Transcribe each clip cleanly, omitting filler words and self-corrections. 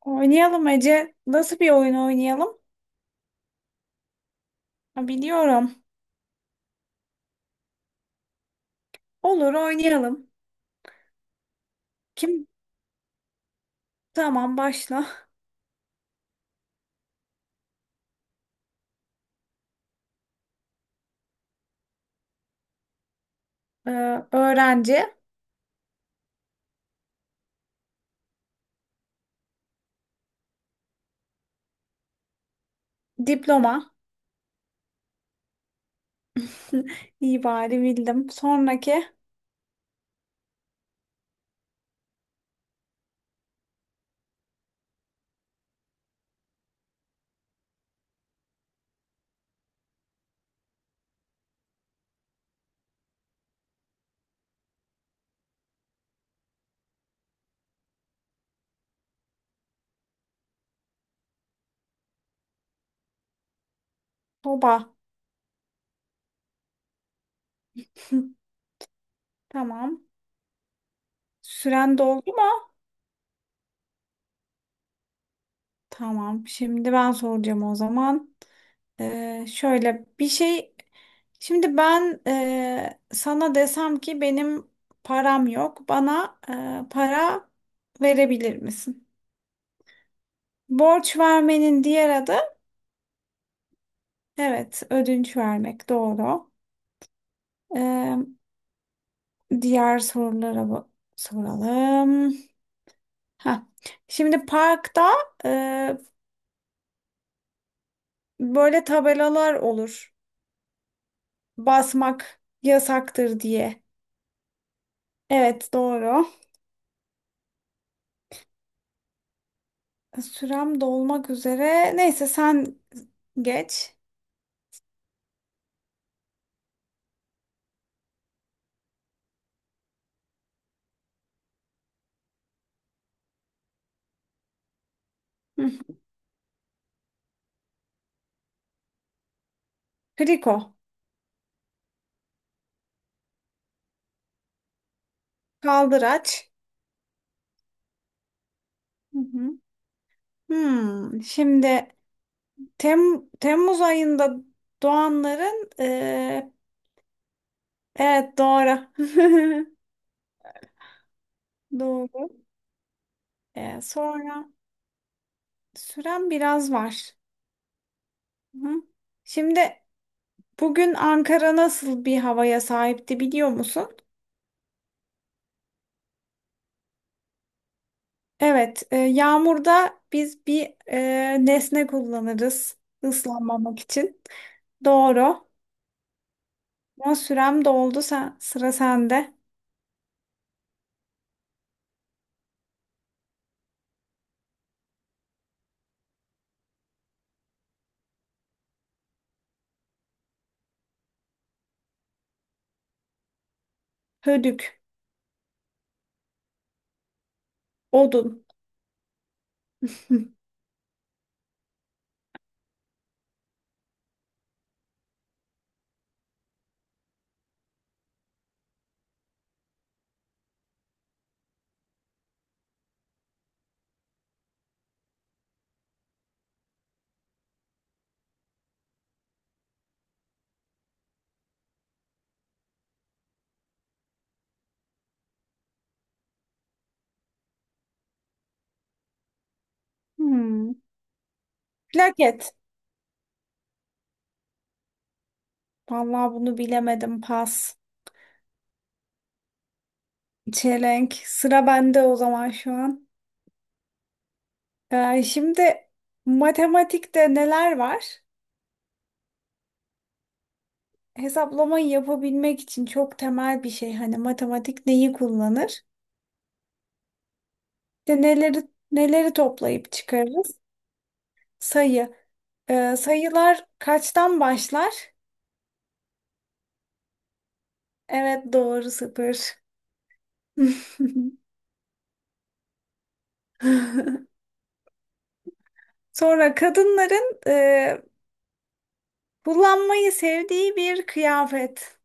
Oynayalım Ece. Nasıl bir oyun oynayalım? Ha, biliyorum. Olur, oynayalım. Kim? Tamam, başla. Ee, Öğrenci. Diploma. İyi bari bildim. Sonraki. Soba. Tamam. Süren doldu mu? Tamam. Şimdi ben soracağım o zaman. Şöyle bir şey. Şimdi ben sana desem ki benim param yok. Bana para verebilir misin? Borç vermenin diğer adı, evet, ödünç vermek doğru. Ee, Diğer sorulara soralım. Ha. Şimdi parkta e, böyle tabelalar olur. Basmak yasaktır diye. Evet, doğru. Sürem dolmak üzere. Neyse sen geç. Hı. Kriko. Kaldıraç. Hı hı. Hmm, şimdi Tem Temmuz ayında doğanların evet doğru. Doğru. Sonra süren biraz var. Hı. Şimdi bugün Ankara nasıl bir havaya sahipti biliyor musun? Evet, yağmurda biz bir nesne kullanırız ıslanmamak için. Doğru. Ama sürem doldu. Sen, sıra sende. Hödük, odun. Hmm. Plaket. Vallahi bunu bilemedim. Pas. Çelenk. Sıra bende o zaman şu an. Şimdi matematikte neler var? Hesaplamayı yapabilmek için çok temel bir şey. Hani matematik neyi kullanır? İşte neleri toplayıp çıkarırız? Sayı. Sayılar kaçtan başlar? Evet, doğru, sıfır. Sonra kadınların kullanmayı sevdiği bir kıyafet.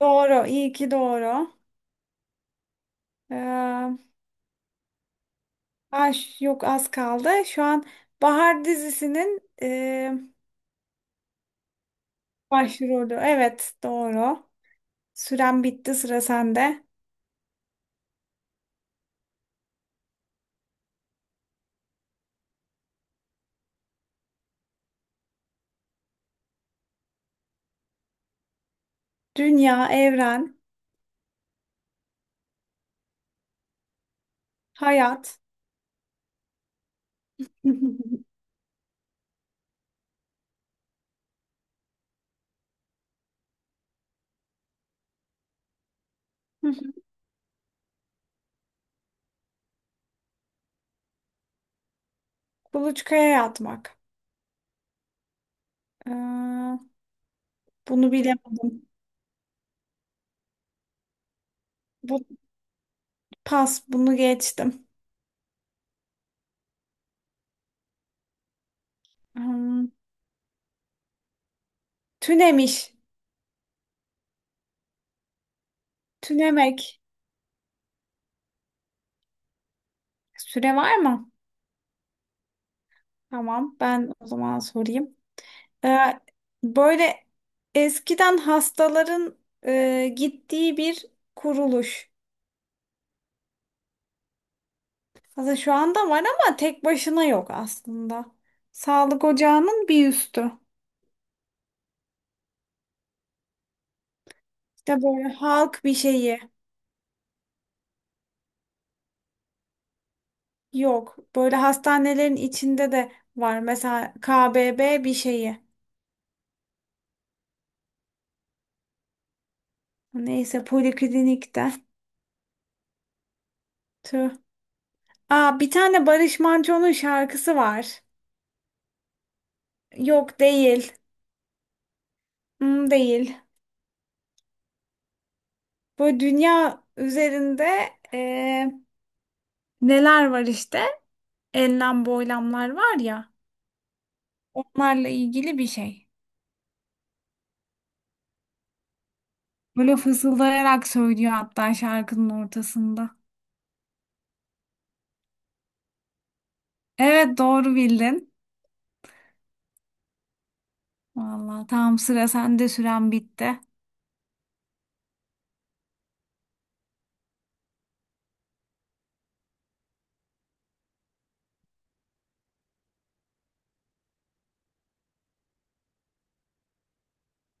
Doğru, iyi ki doğru. Ee, ay, yok, az kaldı. Şu an Bahar dizisinin başrolü. Evet, doğru. Süren bitti, sıra sende. Dünya, evren, hayat. Kuluçkaya yatmak. Ee, Bunu bilemedim. Bu pas, bunu geçtim. Hmm, tünemiş. Tünemek. Süre var mı? Tamam, ben o zaman sorayım. Ee, Böyle eskiden hastaların gittiği bir kuruluş. Aslında şu anda var ama tek başına yok aslında. Sağlık ocağının bir üstü. İşte böyle halk bir şeyi, yok. Böyle hastanelerin içinde de var. Mesela KBB bir şeyi. Neyse poliklinikte. Tüh. Aa, bir tane Barış Manço'nun şarkısı var. Yok, değil. Hmm, değil. Böyle dünya üzerinde neler var işte? Enlem boylamlar var ya. Onlarla ilgili bir şey. Böyle fısıldayarak söylüyor hatta şarkının ortasında. Evet, doğru bildin. Vallahi tam sıra sende, süren bitti.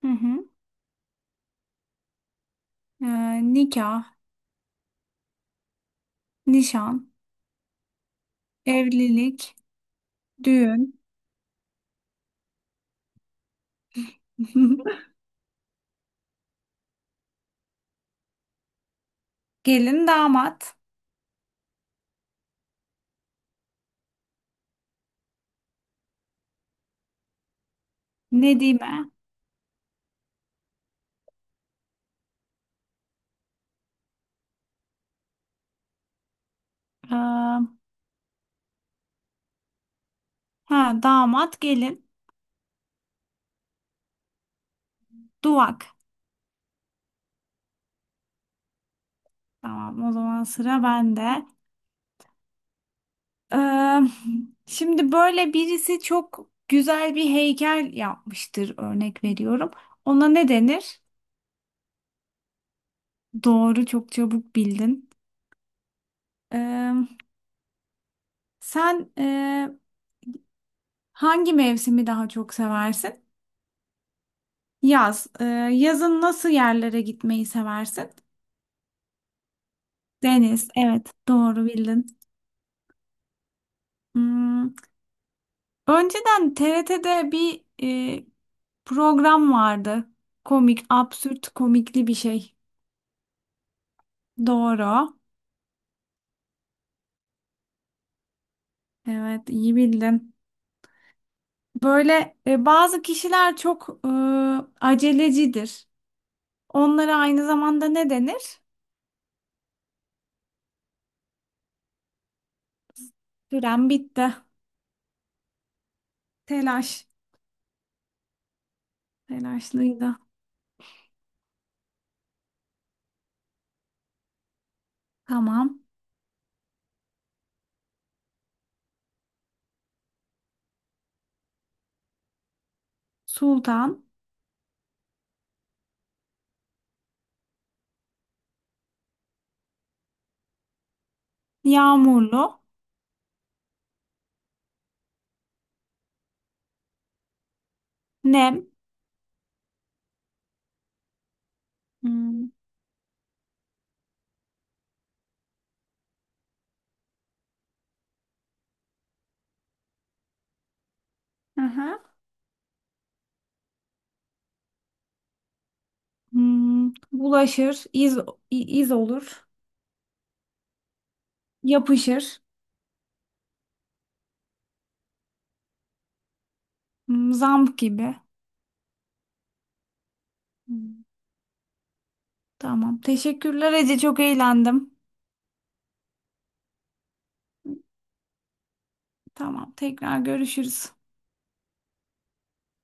Hı hı. Nikah, nişan, evlilik, düğün, gelin, damat, nedime, ee, ha, damat, gelin, duvak. Tamam, o zaman sıra bende. Eee, şimdi böyle birisi çok güzel bir heykel yapmıştır, örnek veriyorum. Ona ne denir? Doğru, çok çabuk bildin. Eee, sen hangi mevsimi daha çok seversin? Yaz. Yazın nasıl yerlere gitmeyi seversin? Deniz. Evet, doğru bildin. Hmm, önceden TRT'de bir program vardı. Komik, absürt komikli bir şey. Doğru. Evet, iyi bildin. Böyle bazı kişiler çok acelecidir. Onlara aynı zamanda ne denir? Süren bitti. Telaş. Telaşlıydı. Tamam. Sultan. Yağmurlu. Nem. Hmm. Aha. Hmm. Bulaşır. İz, iz olur. Yapışır. Hmm. Zamp gibi. Hmm. Tamam. Teşekkürler Ece. Çok eğlendim. Tamam. Tekrar görüşürüz.